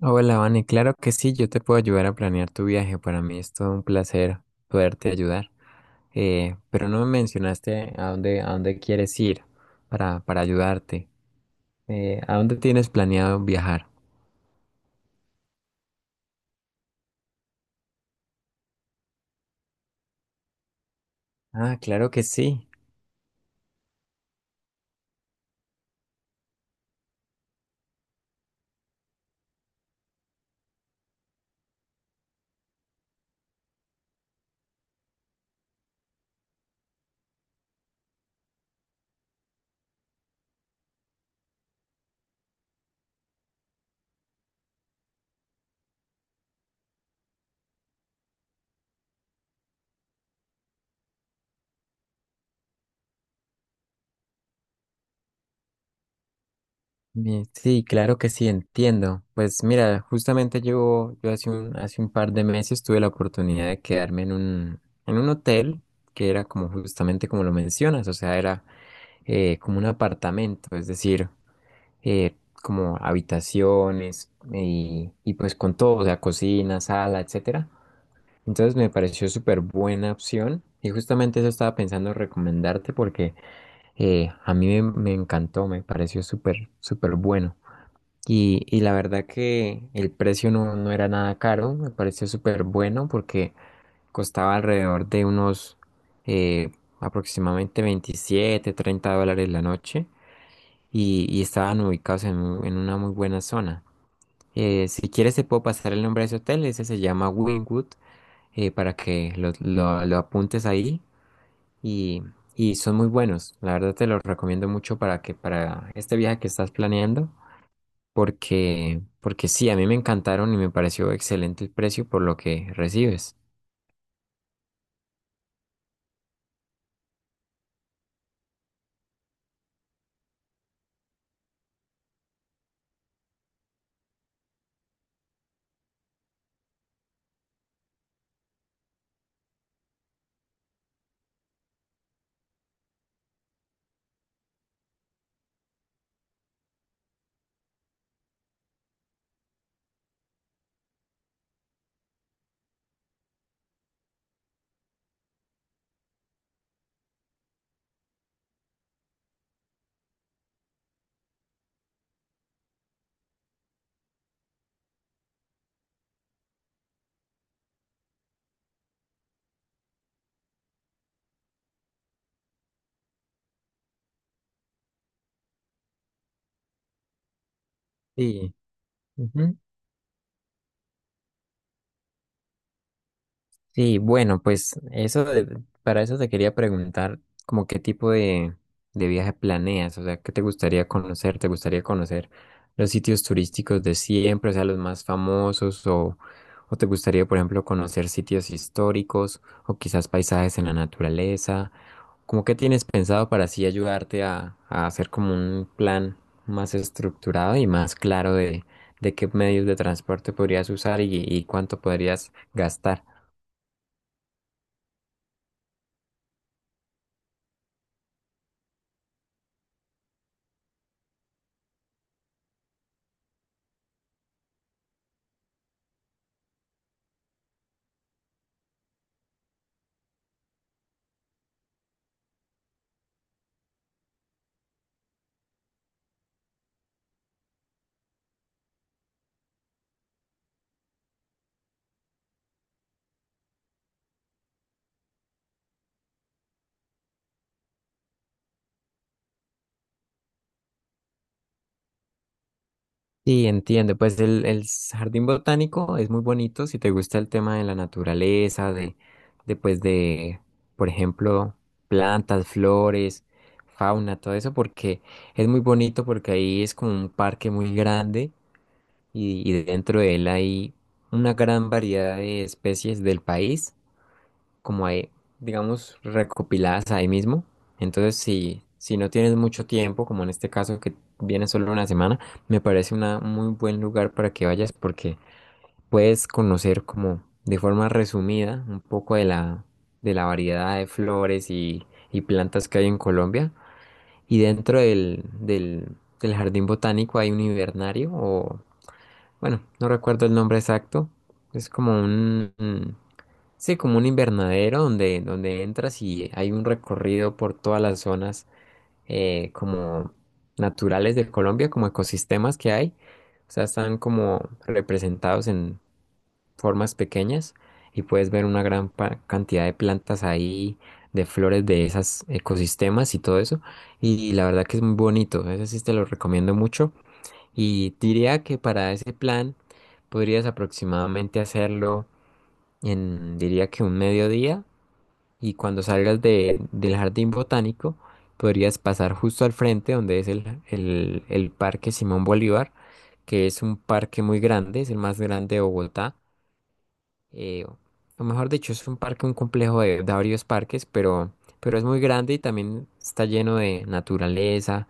Hola, Vane, claro que sí, yo te puedo ayudar a planear tu viaje. Para mí es todo un placer poderte ayudar. Pero no me mencionaste a dónde quieres ir para ayudarte. ¿A dónde tienes planeado viajar? Ah, claro que sí. Sí, claro que sí, entiendo. Pues mira, justamente yo hace hace un par de meses tuve la oportunidad de quedarme en en un hotel que era como justamente como lo mencionas, o sea, era como un apartamento, es decir. eh, Como habitaciones y pues con todo, o sea, cocina, sala, etcétera. Entonces me pareció súper buena opción y justamente eso estaba pensando recomendarte porque a mí me encantó, me pareció súper, súper bueno. Y la verdad que el precio no, no era nada caro, me pareció súper bueno porque costaba alrededor de unos eh, aproximadamente $27-30 la noche y estaban ubicados en, en una muy buena zona. Si quieres te puedo pasar el nombre de ese hotel, ese se llama Wynwood, para que lo apuntes ahí y, y son muy buenos. La verdad te los recomiendo mucho para que para este viaje que estás planeando, porque sí, a mí me encantaron y me pareció excelente el precio por lo que recibes. Sí. Sí, bueno, pues para eso te quería preguntar como qué tipo de viaje planeas, o sea, qué te gustaría conocer los sitios turísticos de siempre, o sea, los más famosos, o te gustaría, por ejemplo, conocer sitios históricos, o quizás paisajes en la naturaleza, como qué tienes pensado para así ayudarte a hacer como un plan más estructurado y más claro de qué medios de transporte podrías usar y cuánto podrías gastar. Sí, entiendo. Pues el jardín botánico es muy bonito si te gusta el tema de la naturaleza, de pues de, por ejemplo, plantas, flores, fauna, todo eso, porque es muy bonito porque ahí es como un parque muy grande y dentro de él hay una gran variedad de especies del país como ahí, digamos, recopiladas ahí mismo. Entonces, si no tienes mucho tiempo, como en este caso que viene solo una semana, me parece una, un muy buen lugar para que vayas porque puedes conocer como de forma resumida un poco de de la variedad de flores y plantas que hay en Colombia. Y dentro del jardín botánico hay un invernario o bueno, no recuerdo el nombre exacto. Es como sí, como un invernadero donde, donde entras y hay un recorrido por todas las zonas como naturales de Colombia, como ecosistemas que hay. O sea, están como representados en formas pequeñas y puedes ver una cantidad de plantas ahí, de flores de esos ecosistemas y todo eso. Y la verdad que es muy bonito. Ese sí te lo recomiendo mucho. Y diría que para ese plan podrías aproximadamente hacerlo en, diría que un mediodía y cuando salgas del jardín botánico podrías pasar justo al frente donde es el Parque Simón Bolívar, que es un parque muy grande, es el más grande de Bogotá eh, o mejor dicho, es un parque, un complejo de varios parques, pero es muy grande y también está lleno de naturaleza,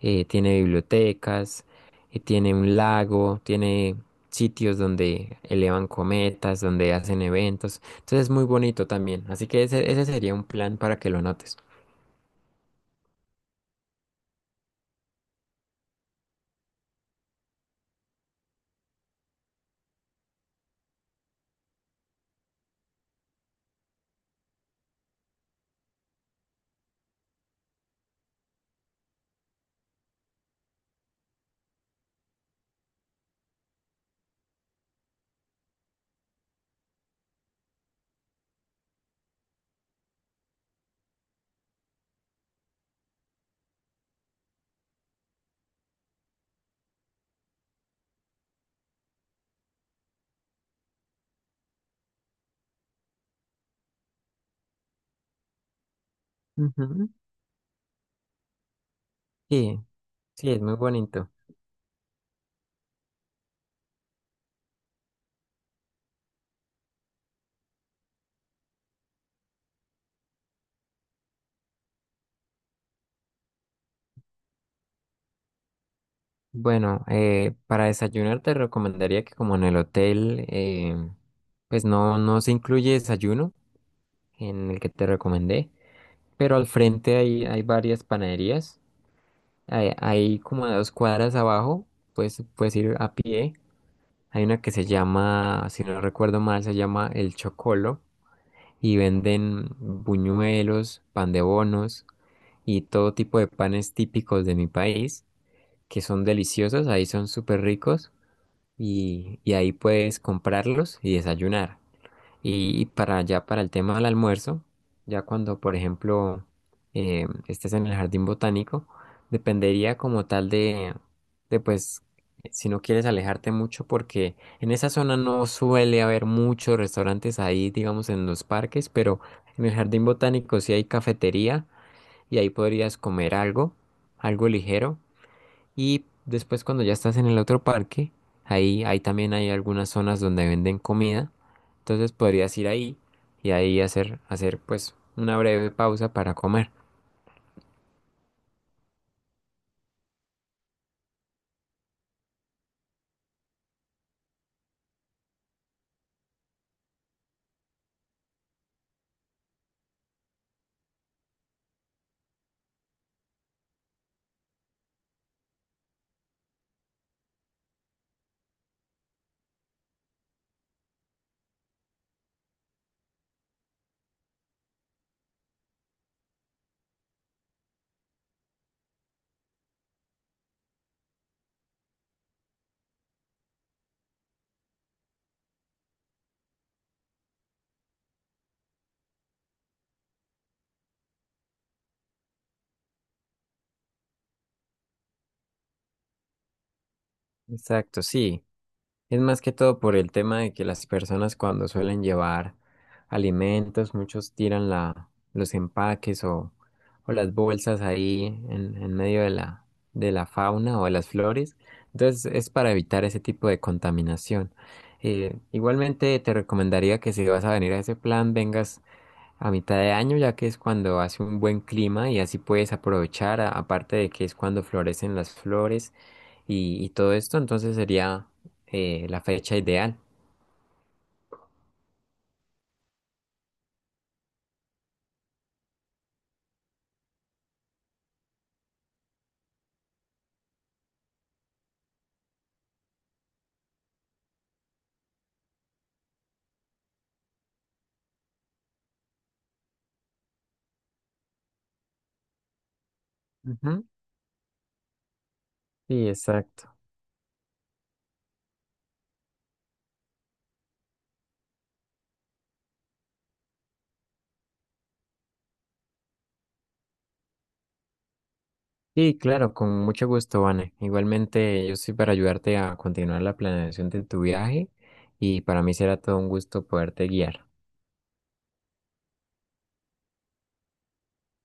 tiene bibliotecas, tiene un lago, tiene sitios donde elevan cometas, donde hacen eventos, entonces es muy bonito también, así que ese sería un plan para que lo notes. Ujú. Sí, sí, es muy bonito. Bueno, para desayunar te recomendaría que como en el hotel, pues no, no se incluye desayuno, en el que te recomendé, pero al frente hay, hay varias panaderías. Hay como a 2 cuadras abajo, pues puedes ir a pie. Hay una que se llama, si no recuerdo mal, se llama El Chocolo y venden buñuelos, pan de bonos y todo tipo de panes típicos de mi país que son deliciosos, ahí son súper ricos y ahí puedes comprarlos y desayunar. Y para allá, para el tema del almuerzo, ya cuando, por ejemplo, estés en el jardín botánico, dependería como tal de, pues, si no quieres alejarte mucho, porque en esa zona no suele haber muchos restaurantes ahí, digamos, en los parques, pero en el jardín botánico sí hay cafetería y ahí podrías comer algo, algo ligero. Y después cuando ya estás en el otro parque, ahí también hay algunas zonas donde venden comida. Entonces podrías ir ahí y ahí hacer, hacer pues una breve pausa para comer. Exacto, sí. Es más que todo por el tema de que las personas cuando suelen llevar alimentos, muchos tiran la, los empaques o las bolsas ahí en medio de la fauna o de las flores. Entonces es para evitar ese tipo de contaminación. Igualmente te recomendaría que si vas a venir a ese plan, vengas a mitad de año, ya que es cuando hace un buen clima y así puedes aprovechar, aparte de que es cuando florecen las flores y todo esto, entonces sería la fecha ideal. Ujú. Sí, exacto. Y claro, con mucho gusto, Vane. Igualmente, yo estoy para ayudarte a continuar la planeación de tu viaje y para mí será todo un gusto poderte guiar.